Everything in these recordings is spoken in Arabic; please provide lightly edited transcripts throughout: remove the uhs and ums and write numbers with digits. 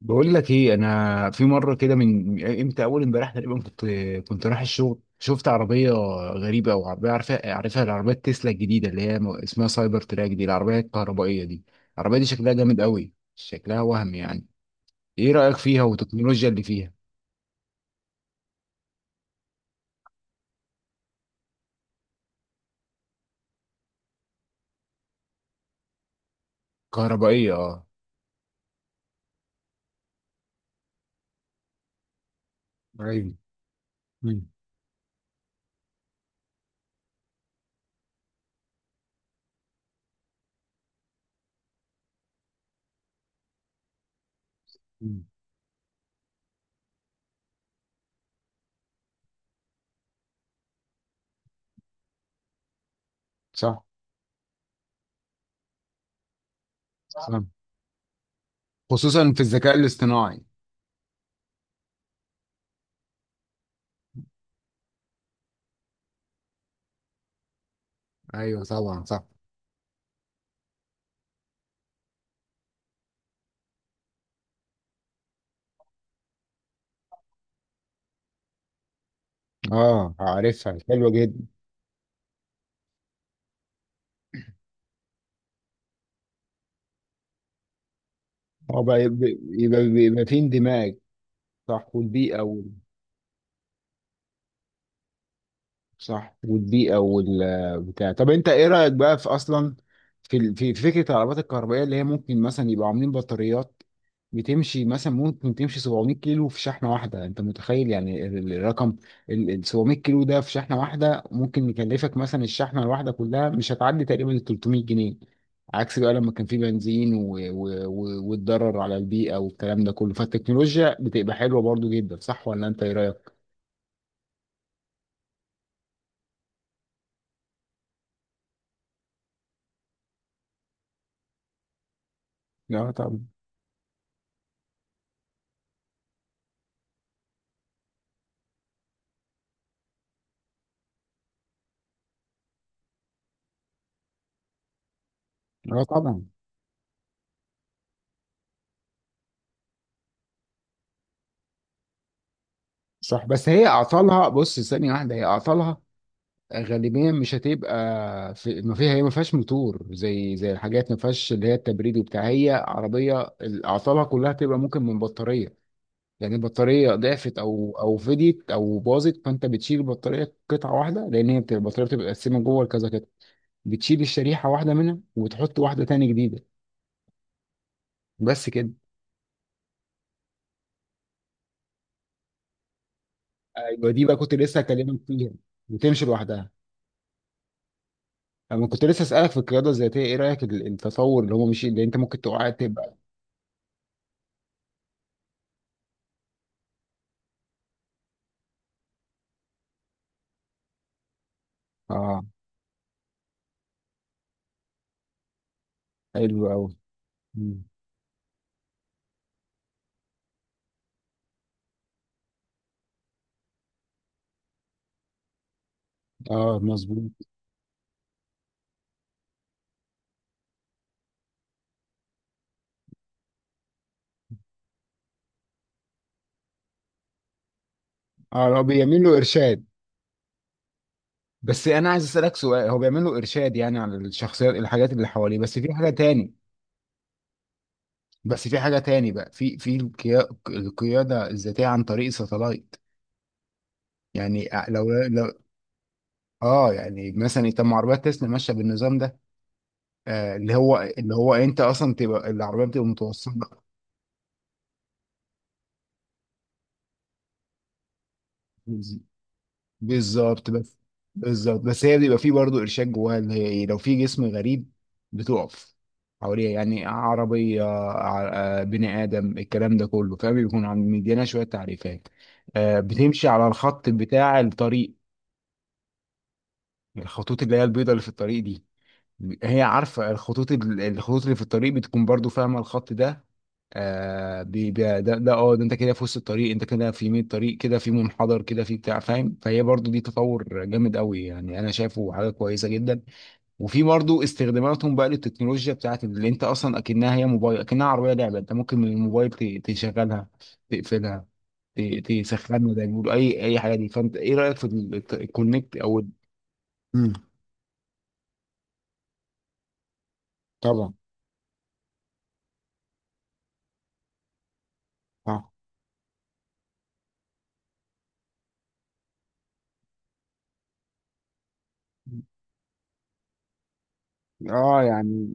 بقول لك ايه، انا في مره كده، من امتى؟ اول امبارح تقريبا كنت رايح الشغل. شفت عربيه غريبه، او عربيه عارفها العربيه تسلا الجديده، اللي اسمها سايبر تراك دي، العربيه الكهربائيه دي. العربيه دي شكلها جامد قوي، شكلها وهم يعني. ايه رايك فيها والتكنولوجيا اللي فيها؟ كهربائيه، اه. ايوه. مم. مم. صح. صح. خصوصا في الذكاء الاصطناعي. ايوه طبعا، صح. اه، عارفها، حلوه جدا. اه بقى، يبقى في اندماج. صح والبيئه. صح والبيئة والبتاع. طب انت ايه رأيك بقى في اصلا، في فكرة العربيات الكهربائية، اللي هي ممكن مثلا يبقى عاملين بطاريات بتمشي مثلا، ممكن تمشي 700 كيلو في شحنة واحدة؟ انت متخيل يعني الرقم، ال 700 كيلو ده في شحنة واحدة، ممكن يكلفك مثلا الشحنة الواحدة كلها مش هتعدي تقريبا ال 300 جنيه، عكس بقى لما كان في بنزين، والضرر على البيئة والكلام ده كله. فالتكنولوجيا بتبقى حلوة برضو جدا، صح ولا انت ايه رأيك؟ لا طبعا. اه طبعا، صح، بس هي اعطالها، بص ثانيه واحده، هي اعطالها غالبيا مش هتبقى في، ما فيها. هي ما فيهاش موتور، زي الحاجات، ما فيهاش اللي هي التبريد وبتاع. هي عربيه، اعطالها كلها تبقى ممكن من بطاريه. يعني البطاريه ضعفت، او فديت، او باظت، فانت بتشيل البطاريه قطعه واحده، لان هي البطاريه بتبقى متقسمه جوه لكذا قطعه. بتشيل الشريحه واحده منها، وتحط واحده تاني جديده، بس كده. ايوه، دي بقى كنت لسه هكلمك فيها. وتمشي لوحدها. انا كنت لسه اسالك في القياده الذاتيه، ايه رايك التطور، اللي هو مش اللي انت ممكن تقع تبقى. اه. حلو قوي. اه، مظبوط. اه، هو بيعمل له ارشاد. بس انا عايز اسالك سؤال، هو بيعمل له ارشاد يعني على الشخصيات، الحاجات اللي حواليه، بس في حاجه تاني. بس في حاجه تاني بقى، في القياده الذاتيه عن طريق ساتلايت. يعني لو اه. يعني مثلا، طب ما عربيات تسلا ماشيه بالنظام ده. اللي هو انت اصلا تبقى العربيه بتبقى متوصله. بالظبط. بس هي بيبقى فيه برضه ارشاد جواها، اللي هي ايه؟ لو في جسم غريب بتقف حواليها. يعني عربيه بني ادم، الكلام ده كله فاهم، بيكون عم مدينا شويه تعريفات. بتمشي على الخط بتاع الطريق، الخطوط اللي هي البيضاء اللي في الطريق دي. هي عارفة الخطوط، الخطوط اللي في الطريق بتكون برضو فاهمة الخط ده. آه بي بي ده ده اه ده انت كده في وسط الطريق، انت كده في يمين الطريق، كده في منحدر، كده في بتاع، فاهم؟ فهي برضو دي تطور جامد قوي يعني، انا شايفه حاجة كويسة جدا. وفي برضو استخداماتهم بقى للتكنولوجيا بتاعت، اللي انت اصلا اكنها هي موبايل، اكنها عربية لعبة. انت ممكن من الموبال تشغلها، تقفلها، تسخنها، ده يقول اي حاجة دي. فانت ايه رأيك في الكونكت، او امم طبعا؟ اه. يعني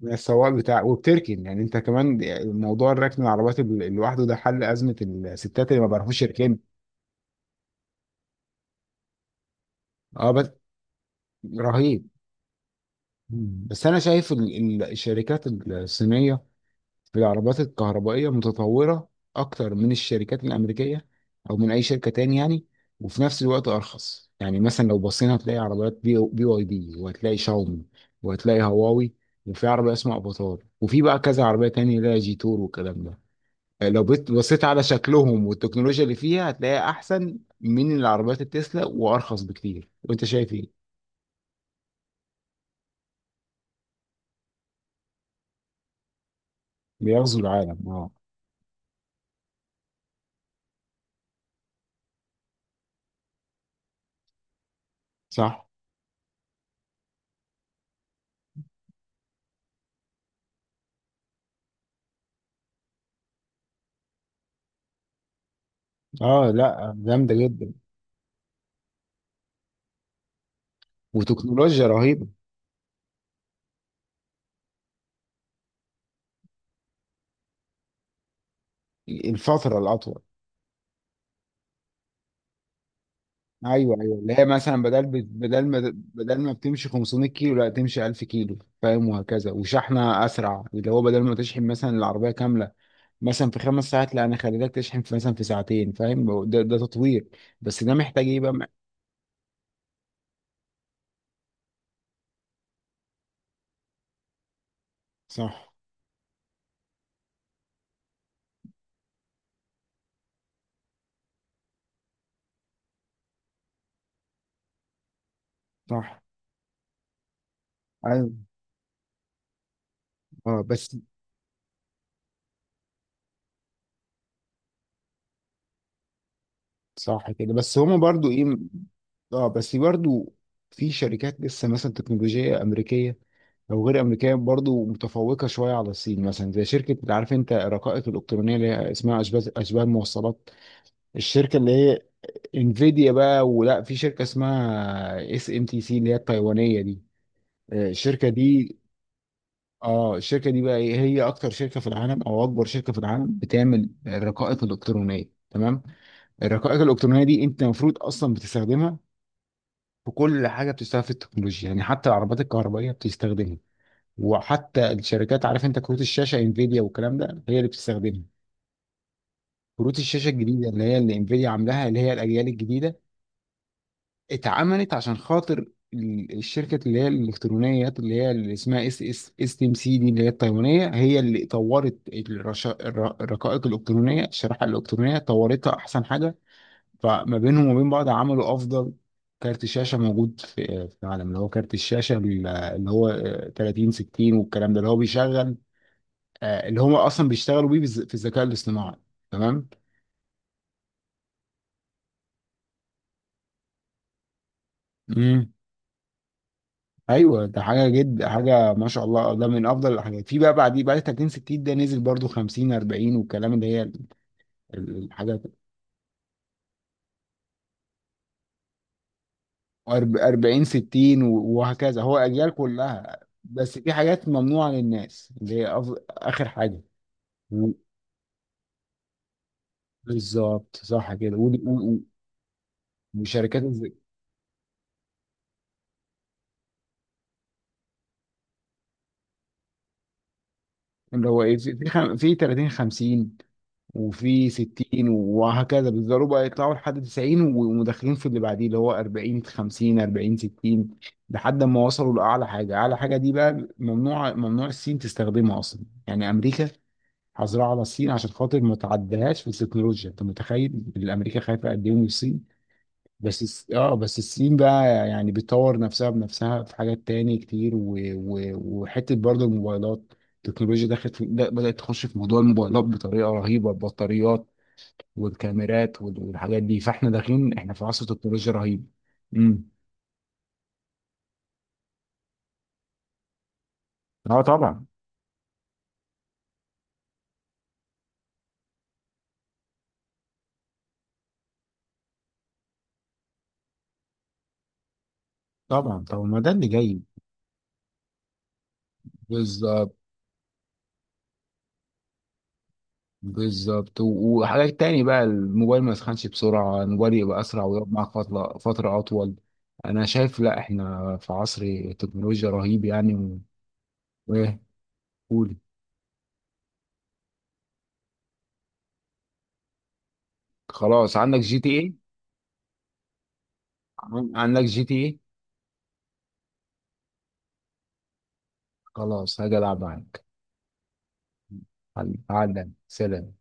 من السواق بتاع، وبتركن، يعني انت كمان موضوع الركن العربيات لوحده، ده حل ازمه الستات اللي ما بيعرفوش يركنوا. اه، بس رهيب. مم. بس انا شايف الشركات الصينيه في العربيات الكهربائيه متطوره اكتر من الشركات الامريكيه، او من اي شركه تاني يعني. وفي نفس الوقت ارخص. يعني مثلا لو بصينا هتلاقي عربيات بي واي دي، وهتلاقي شاومي، وهتلاقي هواوي، وفي عربيه اسمها افاتار، وفي بقى كذا عربيه تانية اللي هي جي تور والكلام ده. لو بصيت على شكلهم والتكنولوجيا اللي فيها، هتلاقيها احسن من العربيات التسلا وارخص بكتير. وانت شايف ايه؟ بيغزو العالم، اه. صح. اه، لا جامده جدا. وتكنولوجيا رهيبه. الفتره الاطول. ايوه، ايوه. اللي هي مثلا، بدل ما بتمشي 500 كيلو، لا تمشي 1000 كيلو، فاهم؟ وهكذا. وشحنه اسرع، اللي هو بدل ما تشحن مثلا العربيه كامله مثلا في 5 ساعات، لا انا خليتك تشحن في مثلا في ساعتين، فاهم؟ ده تطوير. بس ده محتاج ايه بقى؟ صح. صح. ايوه. اه بس. صح كده، بس هما برضو ايه. اه، بس برضو في شركات لسه مثلا تكنولوجية أمريكية، أو غير أمريكية، برضو متفوقة شوية على الصين. مثلا زي شركة، عارف أنت الرقائق الإلكترونية اللي هي اسمها أشباه الموصلات، الشركة اللي هي انفيديا بقى، ولا في شركة اسمها SMTC اللي هي التايوانية دي. الشركة دي، اه، الشركة دي بقى إيه؟ هي أكتر شركة في العالم، أو أكبر شركة في العالم بتعمل الرقائق الإلكترونية، تمام؟ الرقائق الالكترونيه دي انت المفروض اصلا بتستخدمها في كل حاجه بتشتغل في التكنولوجيا، يعني حتى العربات الكهربائيه بتستخدمها. وحتى الشركات، عارف انت كروت الشاشه انفيديا والكلام ده، هي اللي بتستخدمها. كروت الشاشه الجديده اللي هي اللي انفيديا عاملاها، اللي هي الاجيال الجديده، اتعملت عشان خاطر الشركه اللي هي الالكترونيات، اللي هي اللي اسمها اس تي ام سي دي، اللي هي التايوانيه، هي اللي طورت الرقائق الالكترونيه، الشريحه الالكترونيه، طورتها احسن حاجه. فما بينهم وبين بعض عملوا افضل كارت شاشه موجود في العالم، اللي هو كارت الشاشه، اللي هو 30 60 والكلام ده، اللي هو بيشغل، اللي هم اصلا بيشتغلوا بيه، في الذكاء الاصطناعي، تمام. امم ايوه، ده حاجه، حاجه ما شاء الله، ده من افضل الحاجات. في بقى بعديه، بعد 30 60 ده نزل برضو 50 40 والكلام، اللي هي الحاجات. 40 60 وهكذا، هو اجيال كلها. بس في حاجات ممنوعه للناس، اللي هي اخر حاجه. بالظبط، صح كده، وشركات اللي هو ايه، في 30 50، وفي 60 وهكذا، بيفضلوا بقى يطلعوا لحد 90، ومدخلين في اللي بعديه، اللي هو 40 50 40 60، لحد ما وصلوا لاعلى حاجه. اعلى حاجه دي بقى ممنوع، ممنوع الصين تستخدمها اصلا. يعني امريكا حظرها على الصين عشان خاطر ما تعديهاش في التكنولوجيا. انت متخيل الامريكا خايفه قد ايه من الصين؟ بس الصين بقى يعني بتطور نفسها بنفسها في حاجات تاني كتير، وحتة برضو الموبايلات. التكنولوجيا دخلت بدأت تخش في موضوع الموبايلات بطريقة رهيبة. البطاريات والكاميرات والحاجات دي، فاحنا داخلين احنا في عصر تكنولوجيا رهيب. امم اه طبعا. طبعا، طبعا، ما ده اللي جاي. بالظبط. بالظبط وحاجات تاني بقى، الموبايل ما يسخنش بسرعة، الموبايل يبقى أسرع ويقعد معاك فترة أطول. أنا شايف لا، إحنا في عصر تكنولوجيا رهيب يعني. ايه؟ قولي. خلاص، عندك GTA؟ عندك جي تي ايه. خلاص، هاجي العب معاك. تعال، سلام.